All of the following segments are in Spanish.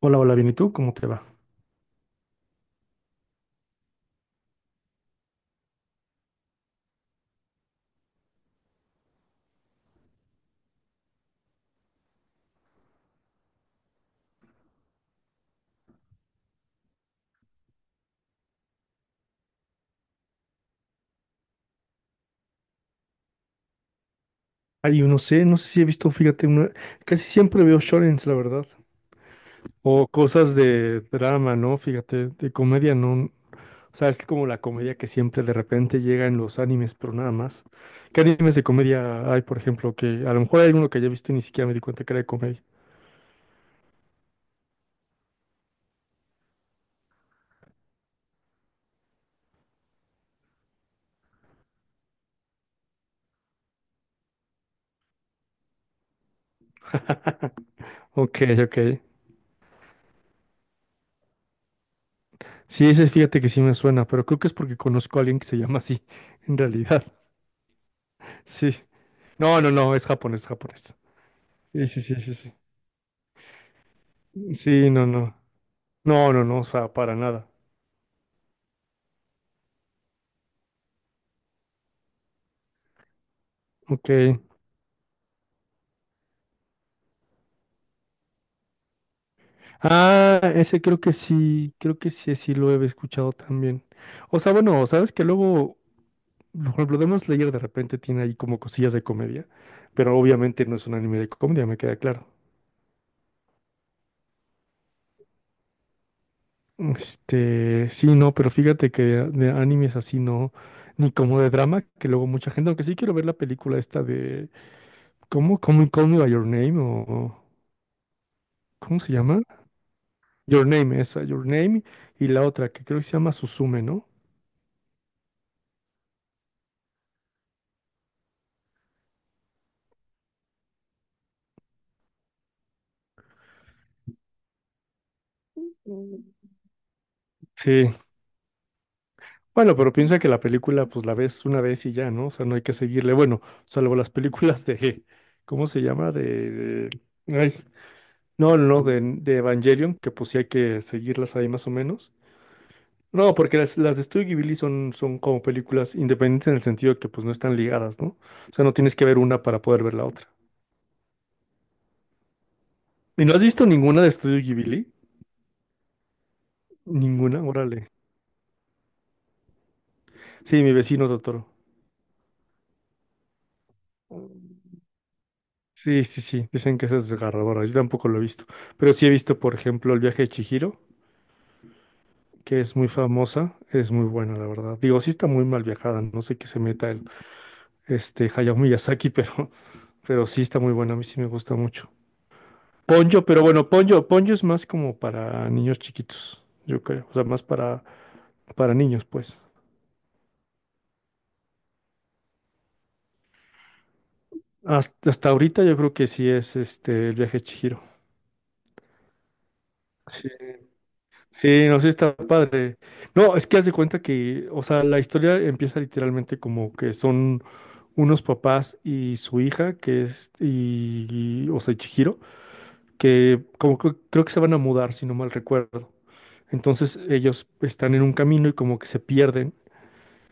Hola, hola, bien, ¿y tú? ¿Cómo te va? Ay, no sé, no sé si he visto, fíjate, casi siempre veo shonens, la verdad. O cosas de drama, ¿no? Fíjate, de comedia, ¿no? O sea, es como la comedia que siempre de repente llega en los animes, pero nada más. ¿Qué animes de comedia hay, por ejemplo? Que a lo mejor hay uno que ya he visto y ni siquiera me di cuenta que era de comedia. Ok, ok. Sí, ese fíjate que sí me suena, pero creo que es porque conozco a alguien que se llama así, en realidad. Sí. No, no, no, es japonés, japonés. Sí, sí, sí, sí, sí. Sí, no, no. No, no, no, o sea, para nada. Ok. Ah, ese creo que sí, sí lo he escuchado también. O sea, bueno, sabes que luego, por ejemplo, Demon Slayer de repente tiene ahí como cosillas de comedia, pero obviamente no es un anime de comedia, me queda claro. Este, sí, no, pero fíjate que de animes así no, ni como de drama, que luego mucha gente, aunque sí quiero ver la película esta de, ¿cómo? ¿Cómo Call Me by Your Name ¿cómo se llama? Your Name, esa, Your Name, y la otra que creo que se llama Suzume, ¿no? Sí, bueno, pero piensa que la película pues la ves una vez y ya, ¿no? O sea, no hay que seguirle. Bueno, salvo las películas de, ¿cómo se llama? De, ay, no, no, no, de Evangelion, que pues sí hay que seguirlas ahí más o menos. No, porque las de Studio Ghibli son como películas independientes en el sentido que pues no están ligadas, ¿no? O sea, no tienes que ver una para poder ver la otra. ¿Y no has visto ninguna de Studio Ghibli? Ninguna, órale. Sí, mi vecino Totoro. Sí, sí, sí, dicen que esa es desgarradora, yo tampoco lo he visto, pero sí he visto, por ejemplo, El viaje de Chihiro, que es muy famosa, es muy buena, la verdad. Digo, sí está muy mal viajada, no sé qué se meta el este Hayao Miyazaki, pero sí está muy buena, a mí sí me gusta mucho. Ponyo, pero bueno, Ponyo es más como para niños chiquitos, yo creo, o sea, más para niños, pues. Hasta ahorita yo creo que sí es este El viaje de Chihiro. Sí. Sí, no sé, está padre. No, es que haz de cuenta que, o sea, la historia empieza literalmente como que son unos papás y su hija, que es, o sea, Chihiro, que como que creo que se van a mudar, si no mal recuerdo. Entonces ellos están en un camino y como que se pierden.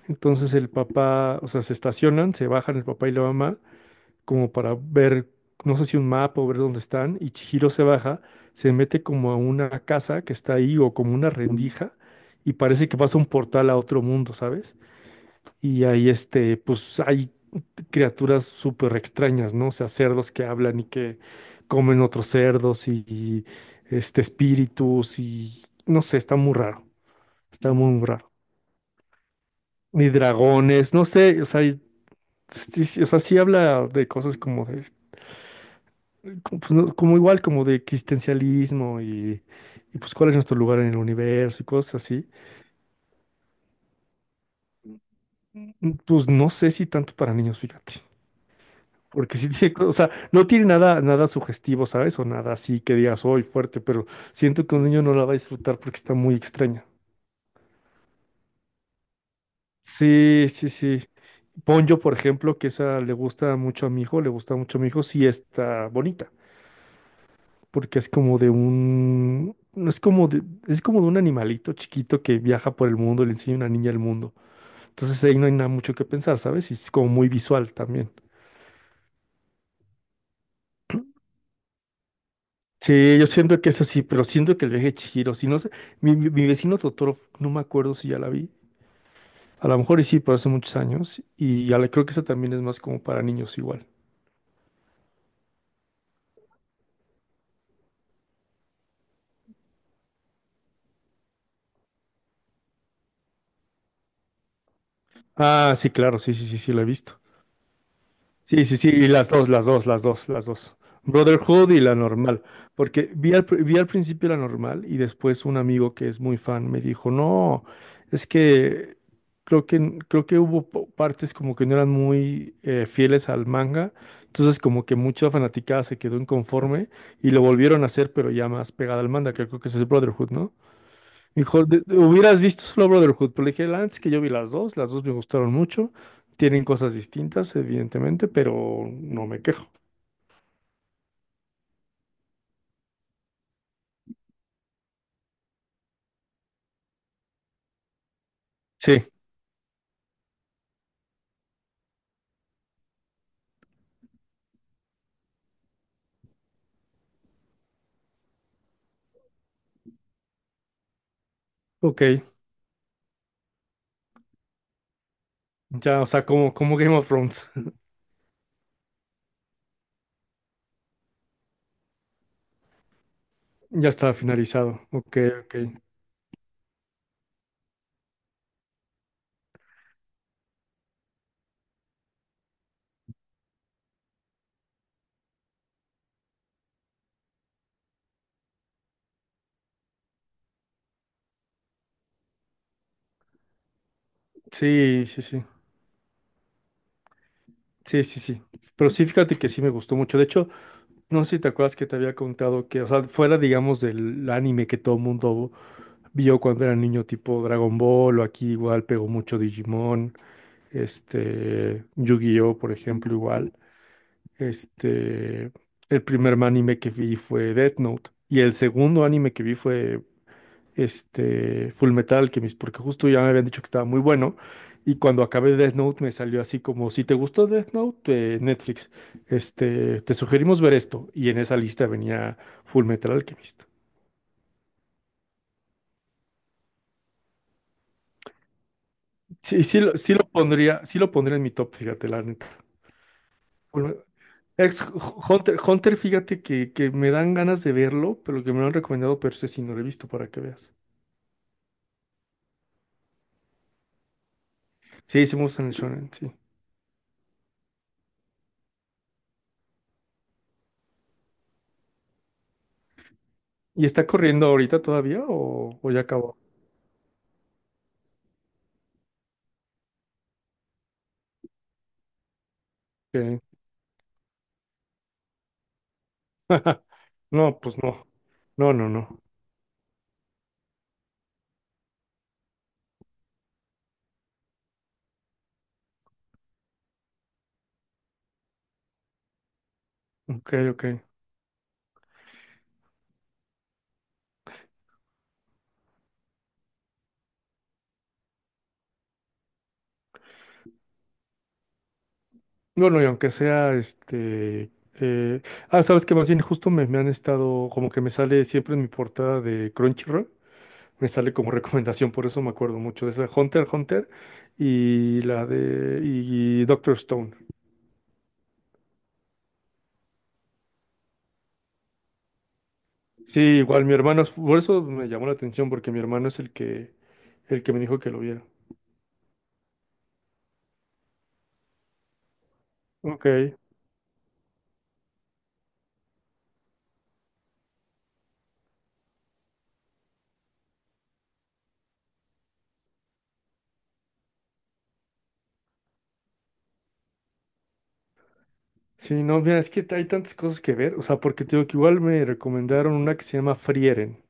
Entonces el papá, o sea, se estacionan, se bajan el papá y la mamá como para ver, no sé si un mapa o ver dónde están, y Chihiro se baja, se mete como a una casa que está ahí o como una rendija, y parece que pasa un portal a otro mundo, ¿sabes? Y ahí este, pues hay criaturas súper extrañas, ¿no? O sea, cerdos que hablan y que comen otros cerdos y, este, espíritus y no sé, está muy raro, está muy muy raro. Ni dragones, no sé, o sea, sí, sí, o sea, sí habla de cosas como de como, pues, como igual como de existencialismo y, pues cuál es nuestro lugar en el universo y cosas así. Pues no sé si tanto para niños, fíjate. Porque sí tiene, o sea, no tiene nada, nada sugestivo, ¿sabes? O nada así que digas, hoy fuerte, pero siento que un niño no la va a disfrutar porque está muy extraña. Sí, sí, sí. Ponyo, por ejemplo, que esa le gusta mucho a mi hijo, le gusta mucho a mi hijo, sí está bonita, porque es como de un, no es como de, es como de un animalito chiquito que viaja por el mundo, le enseña a una niña el mundo. Entonces ahí no hay nada mucho que pensar, ¿sabes? Y es como muy visual también. Sí, yo siento que es así, pero siento que el viaje de Chihiro, si no sé, mi vecino Totoro, no me acuerdo si ya la vi. A lo mejor y sí, pero hace muchos años. Y ya creo que esa también es más como para niños igual. Ah, sí, claro, sí, sí, sí, sí, la he visto. Sí, sí, sí, y las dos, las dos, las dos, las dos. Brotherhood y la normal. Porque vi al principio la normal y después un amigo que es muy fan me dijo, no, es que creo que, creo que hubo partes como que no eran muy fieles al manga. Entonces como que mucha fanaticada se quedó inconforme y lo volvieron a hacer, pero ya más pegada al manga, que creo que ese es Brotherhood, ¿no? Hijo, hubieras visto solo Brotherhood, pero le dije, antes que yo vi las dos me gustaron mucho, tienen cosas distintas, evidentemente, pero no me quejo. Sí, ok, ya, o sea, como Game of Thrones, ya está finalizado, ok, ok. Sí, sí, sí, sí, sí, sí, pero sí, fíjate que sí me gustó mucho, de hecho, no sé si te acuerdas que te había contado que, o sea, fuera, digamos, del anime que todo mundo vio cuando era niño, tipo Dragon Ball, o aquí igual pegó mucho Digimon, este, Yu-Gi-Oh, por ejemplo, igual. Este, el primer anime que vi fue Death Note y el segundo anime que vi fue este Fullmetal Alchemist, porque justo ya me habían dicho que estaba muy bueno y cuando acabé Death Note me salió así como si te gustó Death Note, Netflix, este, te sugerimos ver esto y en esa lista venía Fullmetal Alchemist. Sí, sí, sí lo pondría en mi top, fíjate, la neta. Ex Hunter, Hunter, fíjate que me dan ganas de verlo, pero que me lo han recomendado, pero ese sí no lo he visto para que veas. Sí, sí me gustan el shonen, sí. ¿Y está corriendo ahorita todavía o ya acabó? Ok. No, pues no. No, no, no. Ok, ok. Bueno, y aunque sea este. Ah, sabes que más bien justo me han estado. Como que me sale siempre en mi portada de Crunchyroll. Me sale como recomendación, por eso me acuerdo mucho de esa. Hunter, Hunter y la de. Y Doctor Stone. Sí, igual mi hermano, por eso me llamó la atención, porque mi hermano es el que me dijo que lo viera. Ok. Sí, no, mira, es que hay tantas cosas que ver, o sea, porque te digo que igual me recomendaron una que se llama Frieren.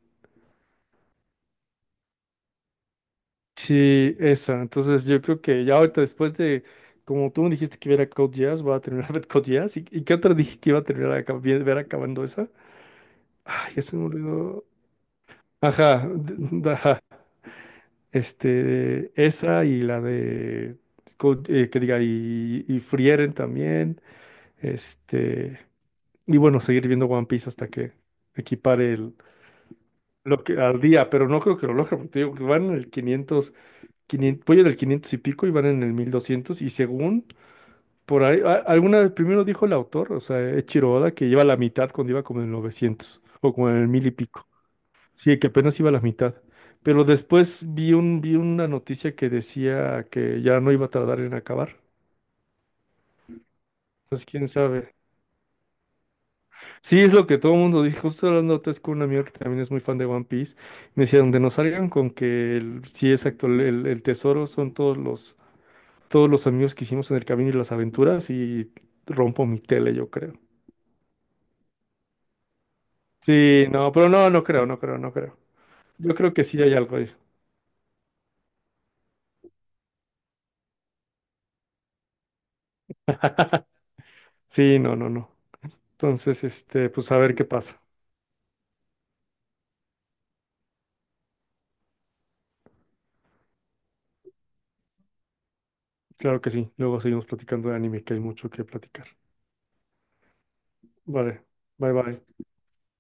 Sí, esa, entonces yo creo que ya ahorita después de, como tú me dijiste que viera Code Jazz, voy a terminar ver Code Jazz, ¿y qué otra dije que iba a terminar ver acabando esa? Ay, ya se me olvidó. Ajá, ajá. Este, esa y la de, que diga, y Frieren también. Este, y bueno, seguir viendo One Piece hasta que equipare el, lo que al día, pero no creo que lo logre, porque te digo que van en el 500 500 voy en el 500 y pico y van en el 1200 y según por ahí, alguna vez primero dijo el autor, o sea, Eiichiro Oda, que lleva la mitad cuando iba como en el 900 o como en el 1000 y pico. Sí, que apenas iba a la mitad. Pero después vi una noticia que decía que ya no iba a tardar en acabar. Entonces, quién sabe. Sí, es lo que todo el mundo dijo. Justo hablando antes con un amigo que también es muy fan de One Piece. Me decía, donde nos salgan con que el, sí, exacto, el tesoro son todos los amigos que hicimos en el camino y las aventuras. Y rompo mi tele, yo creo. Sí, no, pero no, no creo, no creo, no creo. Yo creo que sí hay algo ahí. Sí, no, no, no. Entonces, este, pues a ver qué pasa. Claro que sí. Luego seguimos platicando de anime, que hay mucho que platicar. Vale, bye bye.